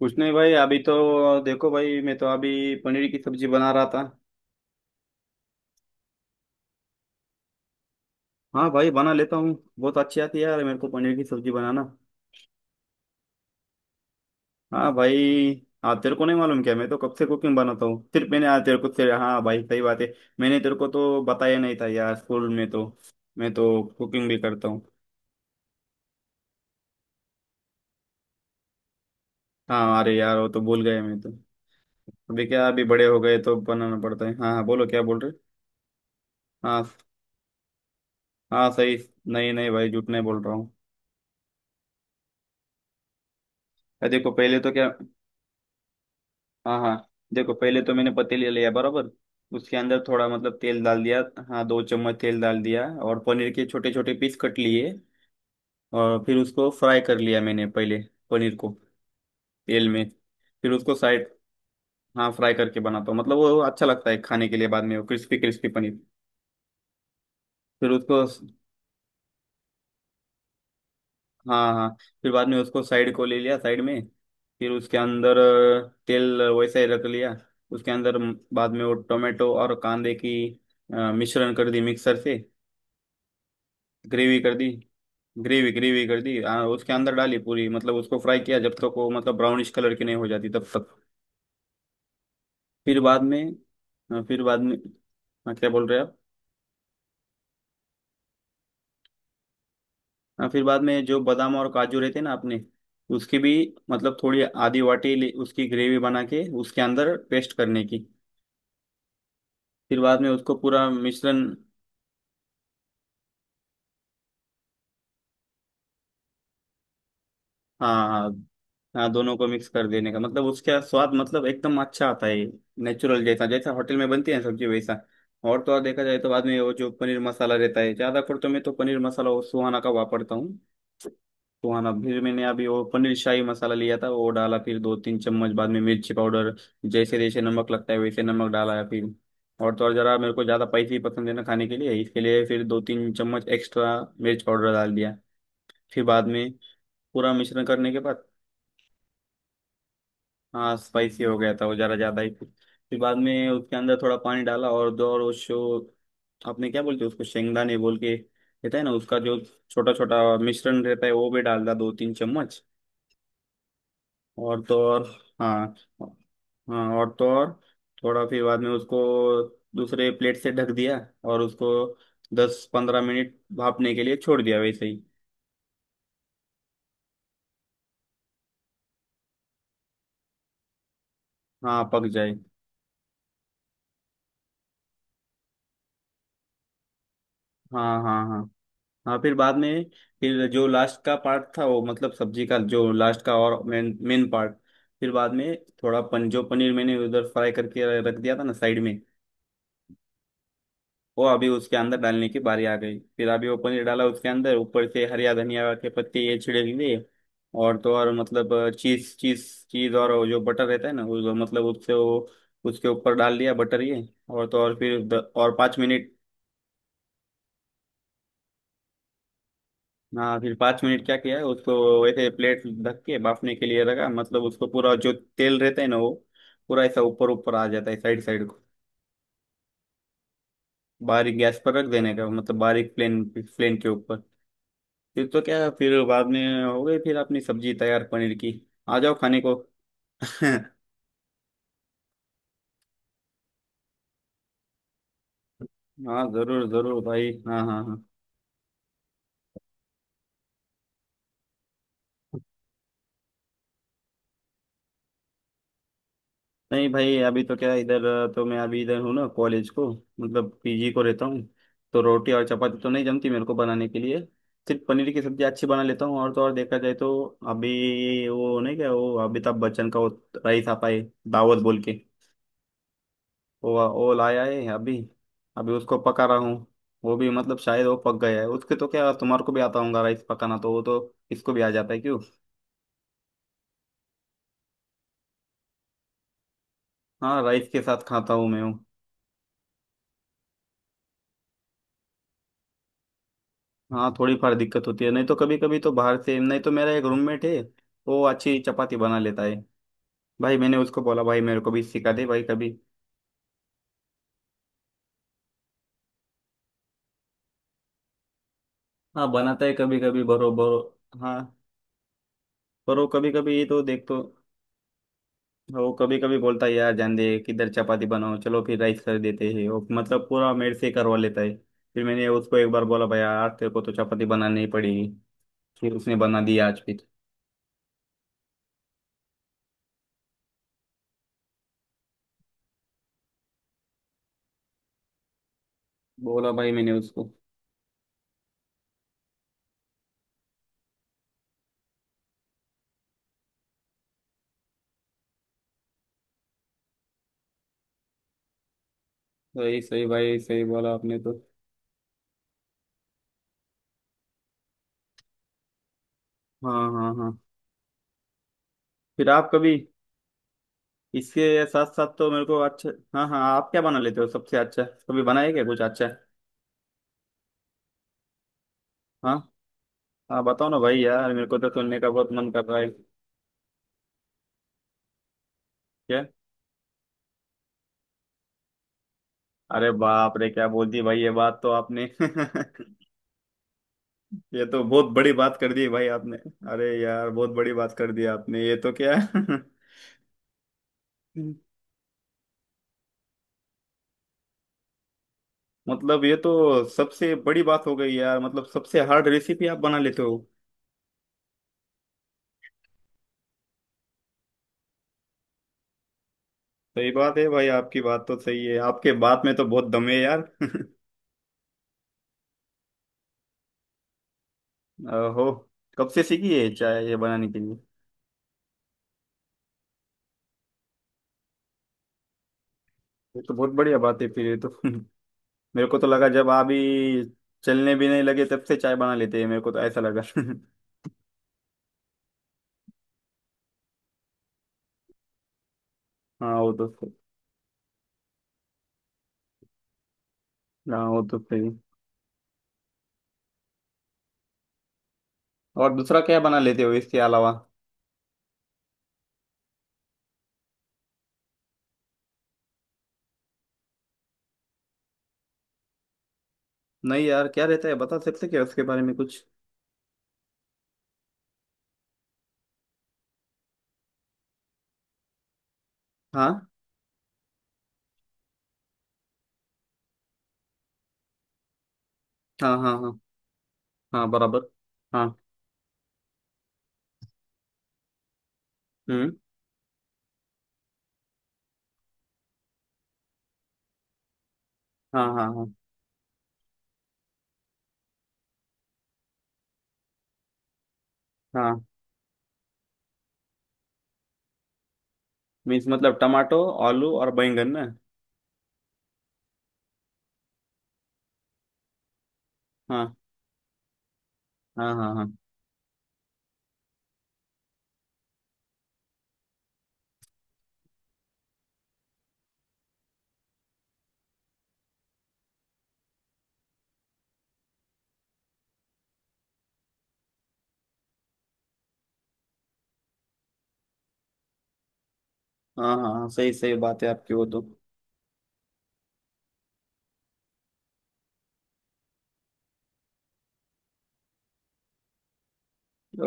कुछ नहीं भाई, अभी तो देखो भाई, मैं तो अभी पनीर की सब्जी बना रहा था। हाँ भाई, बना लेता हूँ। बहुत अच्छी आती है यार मेरे को पनीर की सब्जी बनाना। हाँ भाई, हाँ तेरे को नहीं मालूम क्या, मैं तो कब से कुकिंग बनाता हूँ सिर्फ मैंने, हाँ तेरे को तेरे, हाँ भाई सही बात है। मैंने तेरे को तो बताया नहीं था यार स्कूल में तो, मैं तो कुकिंग भी करता हूँ। हाँ, अरे यार वो तो भूल गए मैं तो। अभी क्या, अभी बड़े हो गए तो बनाना पड़ता है। हाँ हाँ, बोलो क्या बोल रहे। हाँ हाँ सही। नहीं नहीं भाई, झूठ नहीं बोल रहा हूँ। अरे देखो, पहले तो क्या। हाँ हाँ। देखो पहले तो मैंने पतीली लिया बराबर, उसके अंदर थोड़ा मतलब तेल डाल दिया। हाँ, दो चम्मच तेल डाल दिया, और पनीर के छोटे छोटे पीस कट लिए, और फिर उसको फ्राई कर लिया मैंने पहले, पनीर को, तेल में। फिर उसको साइड, हाँ फ्राई करके बनाता हूँ, मतलब वो अच्छा लगता है खाने के लिए बाद में, वो क्रिस्पी क्रिस्पी पनीर। फिर उसको, हाँ हाँ, फिर बाद में उसको साइड को ले लिया साइड में। फिर उसके अंदर तेल वैसा ही रख लिया। उसके अंदर बाद में वो टोमेटो और कांदे की मिश्रण कर दी मिक्सर से, ग्रेवी कर दी ग्रेवी ग्रेवी कर दी उसके अंदर डाली पूरी। मतलब उसको फ्राई किया जब तक वो मतलब ब्राउनिश कलर की नहीं हो जाती तब तक। फिर बाद में, फिर बाद में। हाँ, क्या बोल रहे हैं आप। हाँ, फिर बाद में जो बादाम और काजू रहते हैं ना अपने, उसकी भी मतलब थोड़ी आधी वाटी उसकी ग्रेवी बना के उसके अंदर पेस्ट करने की। फिर बाद में उसको पूरा मिश्रण। हाँ हाँ। हाँ, दोनों को मिक्स कर देने का, मतलब उसका स्वाद मतलब एकदम अच्छा आता है। नेचुरल जैसा, जैसा होटल में बनती है सब्जी वैसा। और तो और देखा जाए तो बाद में वो जो पनीर मसाला रहता है ज्यादा कर, तो मैं तो पनीर मसाला वो सुहाना का वापरता हूँ। सुहाना, फिर मैंने अभी वो पनीर शाही मसाला लिया था, वो डाला। फिर दो तीन चम्मच बाद में मिर्ची पाउडर, जैसे जैसे नमक लगता है वैसे नमक डाला है फिर। और तो और, जरा मेरे को ज्यादा स्पाइसी पसंद है ना खाने के लिए, इसके लिए फिर दो तीन चम्मच एक्स्ट्रा मिर्च पाउडर डाल दिया। फिर बाद में, पूरा मिश्रण करने के बाद, हाँ स्पाइसी हो गया था वो ज़रा ज़्यादा ही। फिर बाद में उसके अंदर थोड़ा पानी डाला, और दो, और उसको, आपने क्या बोलते हैं उसको, शेंगदाने बोल के रहता है ना उसका जो छोटा छोटा मिश्रण रहता है, वो भी डाल दिया दो तीन चम्मच। और तो और, हाँ हाँ, और तो और थोड़ा, फिर बाद में उसको दूसरे प्लेट से ढक दिया, और उसको 10 पंद्रह मिनट भापने के लिए छोड़ दिया वैसे ही। हाँ पक जाए। हाँ हाँ हाँ हाँ। फिर बाद में, फिर जो लास्ट का पार्ट था वो, मतलब सब्जी का जो लास्ट का और मेन मेन पार्ट, फिर बाद में, थोड़ा पन जो पनीर मैंने उधर फ्राई करके रख दिया था ना साइड में, वो अभी उसके अंदर डालने की बारी आ गई। फिर अभी वो पनीर डाला उसके अंदर, ऊपर से हरिया धनिया के पत्ते ये छिड़क दिए। और तो और मतलब चीज चीज चीज, और वो जो बटर रहता है ना वो, मतलब उससे वो उसके ऊपर डाल दिया बटर ये। और तो और, फिर और 5 मिनट, हाँ फिर 5 मिनट क्या किया है, उसको वैसे प्लेट ढक के बाफने के लिए रखा। मतलब उसको पूरा जो तेल रहता है ना वो पूरा ऐसा ऊपर ऊपर आ जाता है साइड साइड को। बारीक गैस पर रख देने का, मतलब बारीक प्लेन प्लेन के ऊपर। फिर तो क्या, फिर बाद में हो गई फिर अपनी सब्जी तैयार पनीर की। आ जाओ खाने को। हाँ जरूर जरूर भाई, हाँ हाँ हाँ। नहीं भाई, अभी तो क्या इधर, तो मैं अभी इधर हूँ ना कॉलेज को, मतलब पीजी को रहता हूँ। तो रोटी और चपाती तो नहीं जमती मेरे को बनाने के लिए, सिर्फ पनीर की सब्जी अच्छी बना लेता हूँ। और तो और देखा जाए तो, अभी वो नहीं क्या, वो अमिताभ बच्चन का वो राइस आता है दावत बोल के, वो लाया है अभी, अभी उसको पका रहा हूँ। वो भी मतलब शायद वो पक गया है उसके। तो क्या तुम्हारे को भी आता होगा राइस पकाना, तो वो तो इसको भी आ जाता है क्यों। हाँ राइस के साथ खाता हूँ मैं वो। हाँ, थोड़ी फार दिक्कत होती है, नहीं तो कभी कभी तो बाहर से, नहीं तो मेरा एक रूममेट है वो अच्छी चपाती बना लेता है। भाई मैंने उसको बोला, भाई मेरे को भी सिखा दे भाई कभी। हाँ बनाता है कभी कभी बरोबर हाँ। पर वो कभी कभी ये तो देख तो, वो कभी कभी बोलता है यार जान दे किधर चपाती बनाओ, चलो फिर राइस कर देते हैं। वो मतलब पूरा मेरे से करवा लेता है। फिर मैंने उसको एक बार बोला, भाई आज तेरे को तो चपाती बनानी ही पड़ेगी। फिर उसने बना दी आज। फिर बोला भाई मैंने उसको। सही सही भाई, सही बोला आपने तो। हाँ हाँ हाँ। फिर आप कभी, इसके साथ साथ तो मेरे को अच्छा, हाँ हाँ आप क्या बना लेते हो सबसे अच्छा, कभी बनाए क्या कुछ अच्छा। हाँ हाँ बताओ ना भाई यार, मेरे को तो सुनने का बहुत मन कर रहा है। क्या। अरे बाप रे, क्या बोल दी भाई ये बात तो आपने। ये तो बहुत बड़ी बात कर दी भाई आपने। अरे यार बहुत बड़ी बात कर दी आपने, ये तो क्या। मतलब ये तो सबसे बड़ी बात हो गई यार, मतलब सबसे हार्ड रेसिपी आप बना लेते हो। सही बात है भाई, आपकी बात तो सही है, आपके बात में तो बहुत दम है यार। हो। कब से सीखी है चाय ये बनाने के लिए। ये तो बहुत बढ़िया बात है फिर ये तो। मेरे को तो लगा जब आप ही चलने भी नहीं लगे तब से चाय बना लेते हैं, मेरे को तो ऐसा लगा। हाँ वो तो सही। हाँ वो तो सही। और दूसरा क्या बना लेते हो इसके अलावा। नहीं यार, क्या रहता है बता सकते क्या उसके बारे में कुछ। हाँ हाँ हाँ हाँ हाँ बराबर हाँ हम्म हाँ हाँ हाँ हाँ। मीन्स मतलब टमाटो आलू और बैंगन ना। हाँ हाँ हाँ हाँ हाँ हाँ हाँ। सही सही बात है आपकी, वो तो।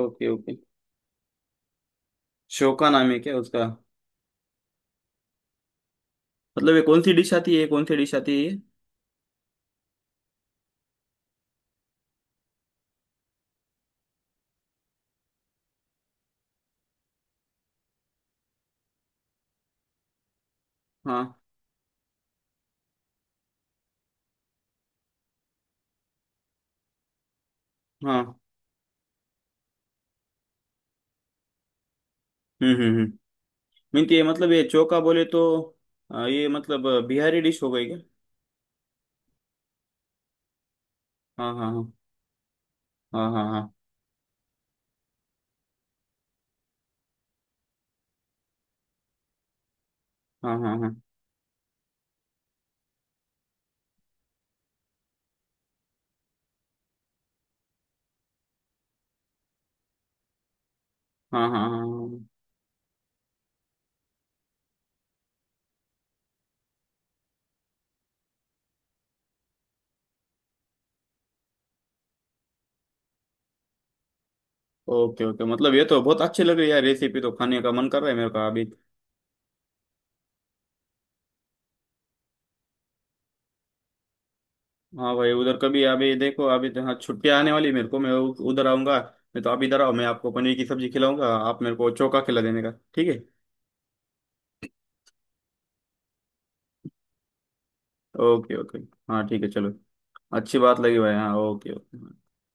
Okay okay. शोका नाम है क्या उसका। मतलब ये कौन सी डिश आती है, ये कौन सी डिश आती है ये? हाँ हाँ। हम्म। मीन ये मतलब ये चोका बोले तो ये मतलब बिहारी डिश हो गई क्या। हाँ हाँ। हाँ हाँ। हाँ हाँ हाँ हाँ। हाँ हाँ हाँ हाँ हाँ। ओके ओके, मतलब ये तो बहुत अच्छी लग रही है यार रेसिपी, तो खाने का मन कर रहा है मेरे को अभी। हाँ भाई, उधर कभी अभी देखो, अभी तो हाँ छुट्टियाँ आने वाली है मेरे को, मैं उधर आऊंगा। मैं तो आप इधर आओ, मैं आपको पनीर की सब्जी खिलाऊंगा, आप मेरे को चोका खिला देने का ठीक है। Okay okay. हाँ ठीक है चलो, अच्छी बात लगी भाई, हाँ ओके ओके।